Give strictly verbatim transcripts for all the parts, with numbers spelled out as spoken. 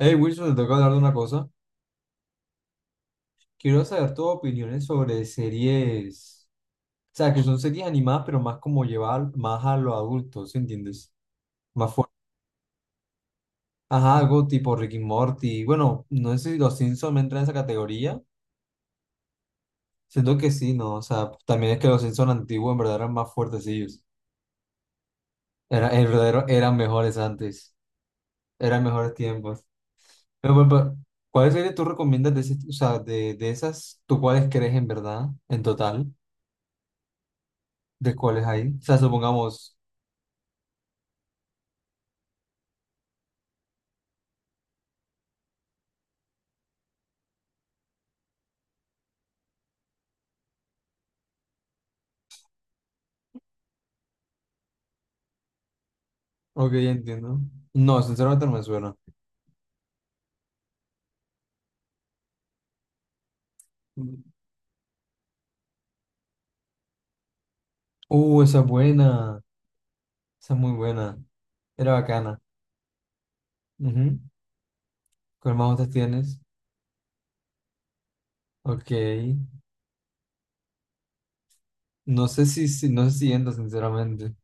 Hey Wilson, te tengo que hablar de una cosa. Quiero saber tus opiniones sobre series, o sea, que son series animadas, pero más como llevar más a los adultos, ¿sí entiendes? Más fuerte. Ajá, algo tipo Rick y Morty. Bueno, no sé si los Simpsons entran en esa categoría. Siento que sí, ¿no? O sea, también es que los Simpsons antiguos en verdad eran más fuertecillos. Era, en verdad eran mejores antes. Eran mejores tiempos. Pero, pero, pero, ¿cuáles series tú recomiendas de, ese- o sea, de, de esas? ¿Tú cuáles crees en verdad, en total? ¿De cuáles hay? O sea, supongamos. Ok, entiendo. No, sinceramente no me suena. Uh, esa es buena. Esa es muy buena. Era bacana. Ujú. ¿Cuál más otras tienes? Ok. No sé si, si- no sé si entra, sinceramente.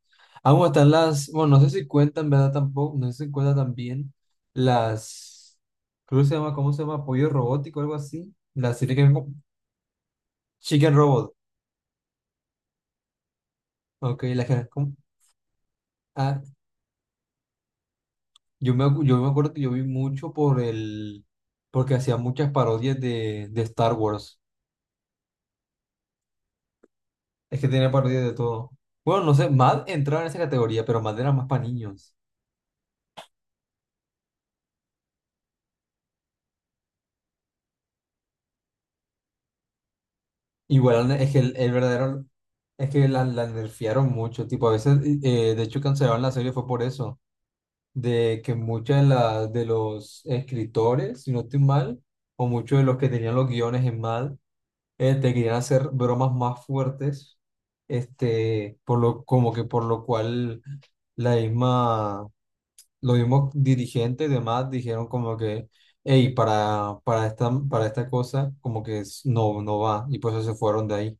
Ah, bueno están las. Bueno, no sé si cuentan, ¿verdad? Tampoco. No sé si cuentan también las. Creo que se llama, ¿cómo se llama? Pollo robótico o algo así. La serie que. Chicken Robot. Ok, la que. ¿Cómo? Yo me, acu- yo me acuerdo que yo vi mucho por el, porque hacía muchas parodias de, de Star Wars. Es que tenía parodias de todo. Bueno, no sé, Mad entraba en esa categoría, pero Mad era más para niños. Igual es que el, el verdadero, es que la, la nerfearon mucho. Tipo, a veces, eh, de hecho, cancelaron la serie fue por eso. De que muchas de, la- de los escritores, si no estoy mal, o muchos de los que tenían los guiones en Mad, eh, te querían hacer bromas más fuertes, este, por lo, como que por lo cual la misma, los mismos dirigentes y demás dijeron como que, hey, para, para esta, para esta cosa, como que es- no, no va, y por eso se fueron de ahí.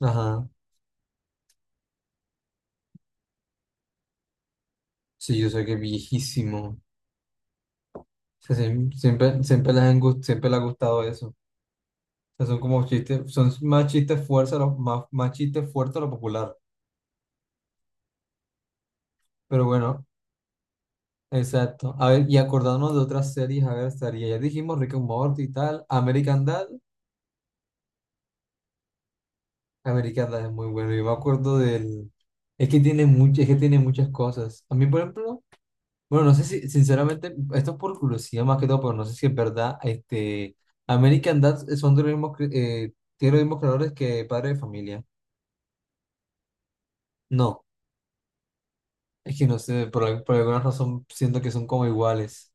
Ajá, sí, yo sé que es viejísimo. O sea, siem- siempre, siempre les han gust- siempre les ha gustado eso. O sea, son como chistes, son más chistes fuertes, a lo- más, más chistes fuertes a lo popular. Pero bueno, exacto. A ver, y acordándonos de otras series, a ver, estaría. Ya dijimos Rick and Morty y tal. American Dad. American Dad es muy bueno. Yo me acuerdo del. Es que tiene mucho, es que tiene muchas cosas. A mí, por ejemplo, bueno, no sé si, sinceramente, esto es por curiosidad más que todo, pero no sé si es verdad. Este, American Dad son de los mismos, cre- eh, tiene los mismos creadores que Padre de Familia. No, es que no sé, por, al- por alguna razón siento que son como iguales.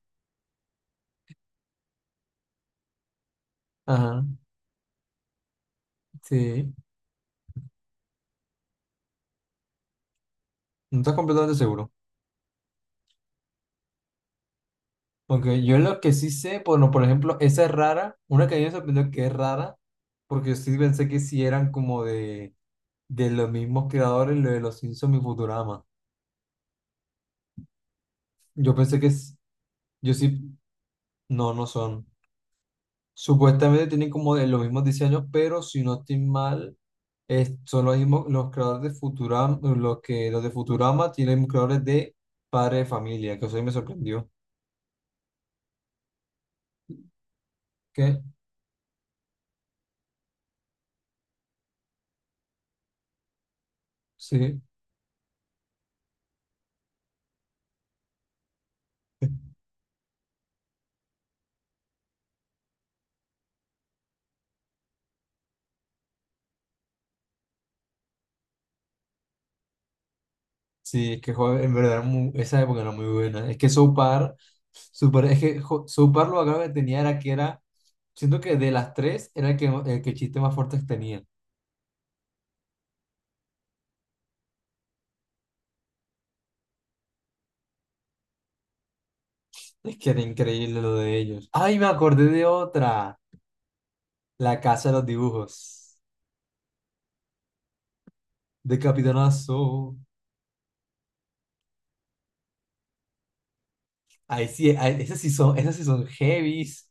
Ajá, sí. No estás completamente seguro. Porque yo lo que sí sé, bueno, por ejemplo, esa es rara, una que a mí me sorprendió que es rara, porque yo sí pensé que sí eran como de, de los mismos creadores, lo de los Simpsons y Futurama. Yo pensé que, s- yo sí, no, no son. Supuestamente tienen como de los mismos diseños, pero si no estoy mal, es- son los mismos, los creadores de Futurama, los que, los de Futurama tienen creadores de Padre de Familia, que eso sí me sorprendió. ¿Qué? Sí. Sí, es que joder, en verdad mu- esa época era muy buena. Es que South Park, super, es que jo- South Park lo bacano que tenía era que era, siento que de las tres era el que, el que chiste más fuertes tenía. Es que era increíble lo de ellos. Ay, me acordé de otra, La Casa de los Dibujos, de Capitanazo. Ahí sí, ahí- esas sí son, esas sí son heavies,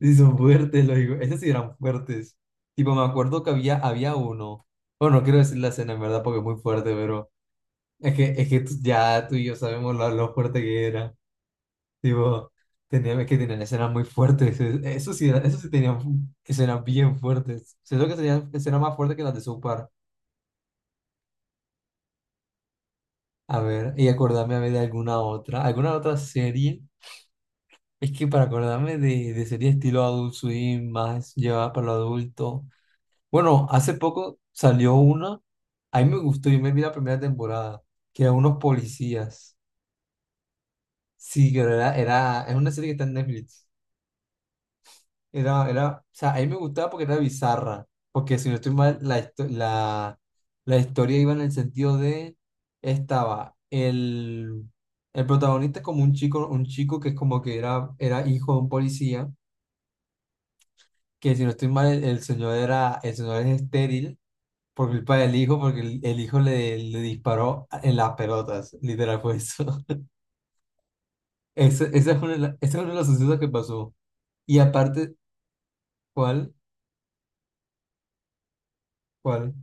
sí son fuertes, lo digo, esas sí eran fuertes. Tipo, me acuerdo que había, había uno, bueno, no quiero decir la escena en verdad porque es muy fuerte, pero... Es que, es que tú- ya tú y yo sabemos lo, lo fuerte que era. Tipo, tenían, es que tenían escenas muy fuertes. es- Eso sí, era- eso sí tenían fu- escenas bien fuertes. Siento que tenían escenas más fuertes que las de South Park. A ver, y acordarme a ver de alguna otra. ¿Alguna otra serie? Es que para acordarme de, de serie estilo Adult Swim, más llevada para lo adulto. Bueno, hace poco salió una. A mí me gustó, yo me vi la primera temporada, que era unos policías. Sí, que era, era, es una serie que está en Netflix. Era, era, o sea, a mí me gustaba porque era bizarra, porque si no estoy mal, la, histo- la, la historia iba en el sentido de, estaba el, el protagonista como un chico, un chico que es como que era, era hijo de un policía, que si no estoy mal, el, el señor era, el señor es estéril por culpa del hijo, porque el, el hijo le, le disparó en las pelotas, literal fue eso. Ese, ese es uno de la- ese es uno de los sucesos que pasó. Y aparte, ¿cuál? ¿Cuál?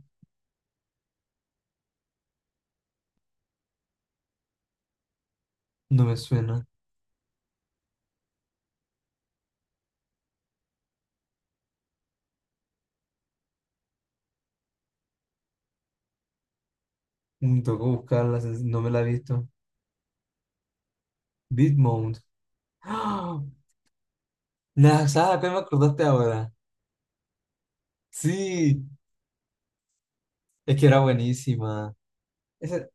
No me suena. Mm, tengo que buscarla, se- no me la he visto. Bitmount. ¡Ah! La saga que me acordaste ahora. Sí, es que era buenísima. Ese-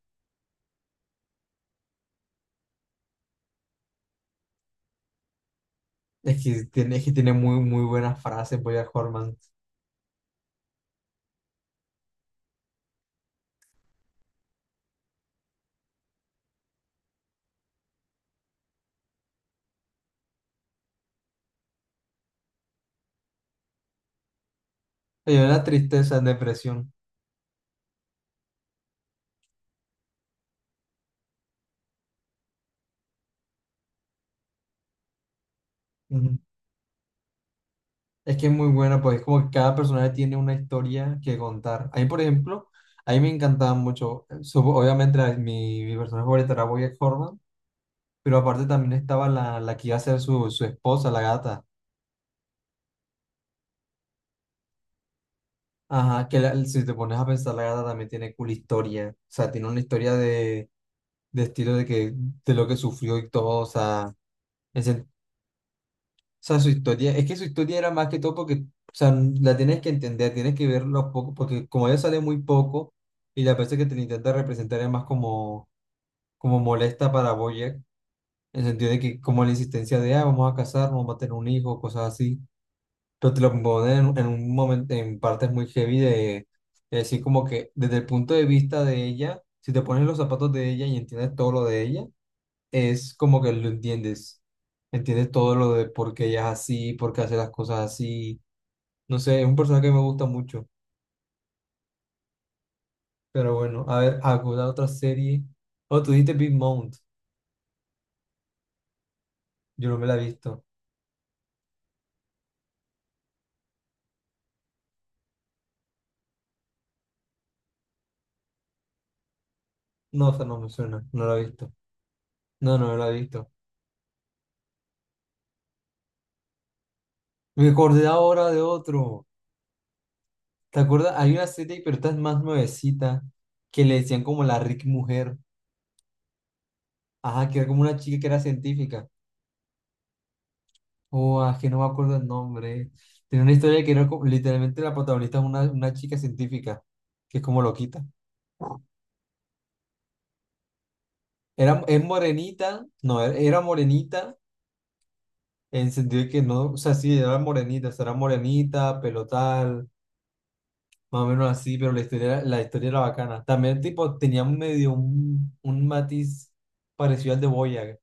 es, que tiene, es que tiene muy, muy buenas frases, Bojack Horseman. Oye, la tristeza, depresión. Ujú. Es que es muy buena, pues es como que cada personaje tiene una historia que contar. A mí, por ejemplo, a mí me encantaba mucho. so- Obviamente, la- mi, mi personaje favorito era Bojack Horseman, pero aparte también estaba la, la que iba a ser su, su esposa, la gata. Ajá, que la- si te pones a pensar, la gata también tiene cool historia. O sea, tiene una historia de, de estilo de que de lo que sufrió y todo. O sea, en sen- o sea, su historia, es que su historia era más que todo porque, o sea, la tienes que entender, tienes que verlo poco, porque como ella sale muy poco y la persona que te la intenta representar es más como, como molesta para Boyer, en el sentido de que como la insistencia de, ah, vamos a casar, vamos a tener un hijo, cosas así. Pero te lo componen en, en un momento, en partes muy heavy de, es decir, como que desde el punto de vista de ella, si te pones en los zapatos de ella y entiendes todo lo de ella, es como que lo entiendes, entiendes todo lo de por qué ella es así, por qué hace las cosas así, no sé, es un personaje que me gusta mucho, pero bueno, a ver, alguna otra serie, oh, tú dijiste Big Mount, yo no me la he visto, no, o sea, no me suena, no la he visto, no, no me la he visto, me acordé ahora de otro. ¿Te acuerdas? Hay una serie, pero esta es más nuevecita, que le decían como la Rick Mujer. Ajá, que era como una chica que era científica. Oh, ah, que no me acuerdo el nombre. Tenía una historia que era como- literalmente la protagonista es una, una chica científica, que es como loquita. Era, es morenita, no, era era morenita, en el sentido de que no, o sea, sí, era morenita, o sea, era morenita, pelo tal, más o menos así, pero la historia, era- la historia era bacana. También, tipo, tenía medio un, un matiz parecido al de Boyac,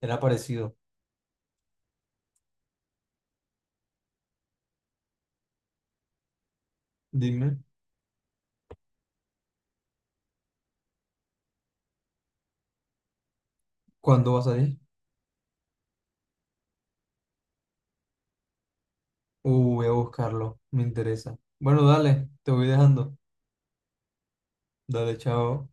era parecido. Dime, ¿cuándo vas a ir? Uh, voy a buscarlo, me interesa. Bueno, dale, te voy dejando. Dale, chao.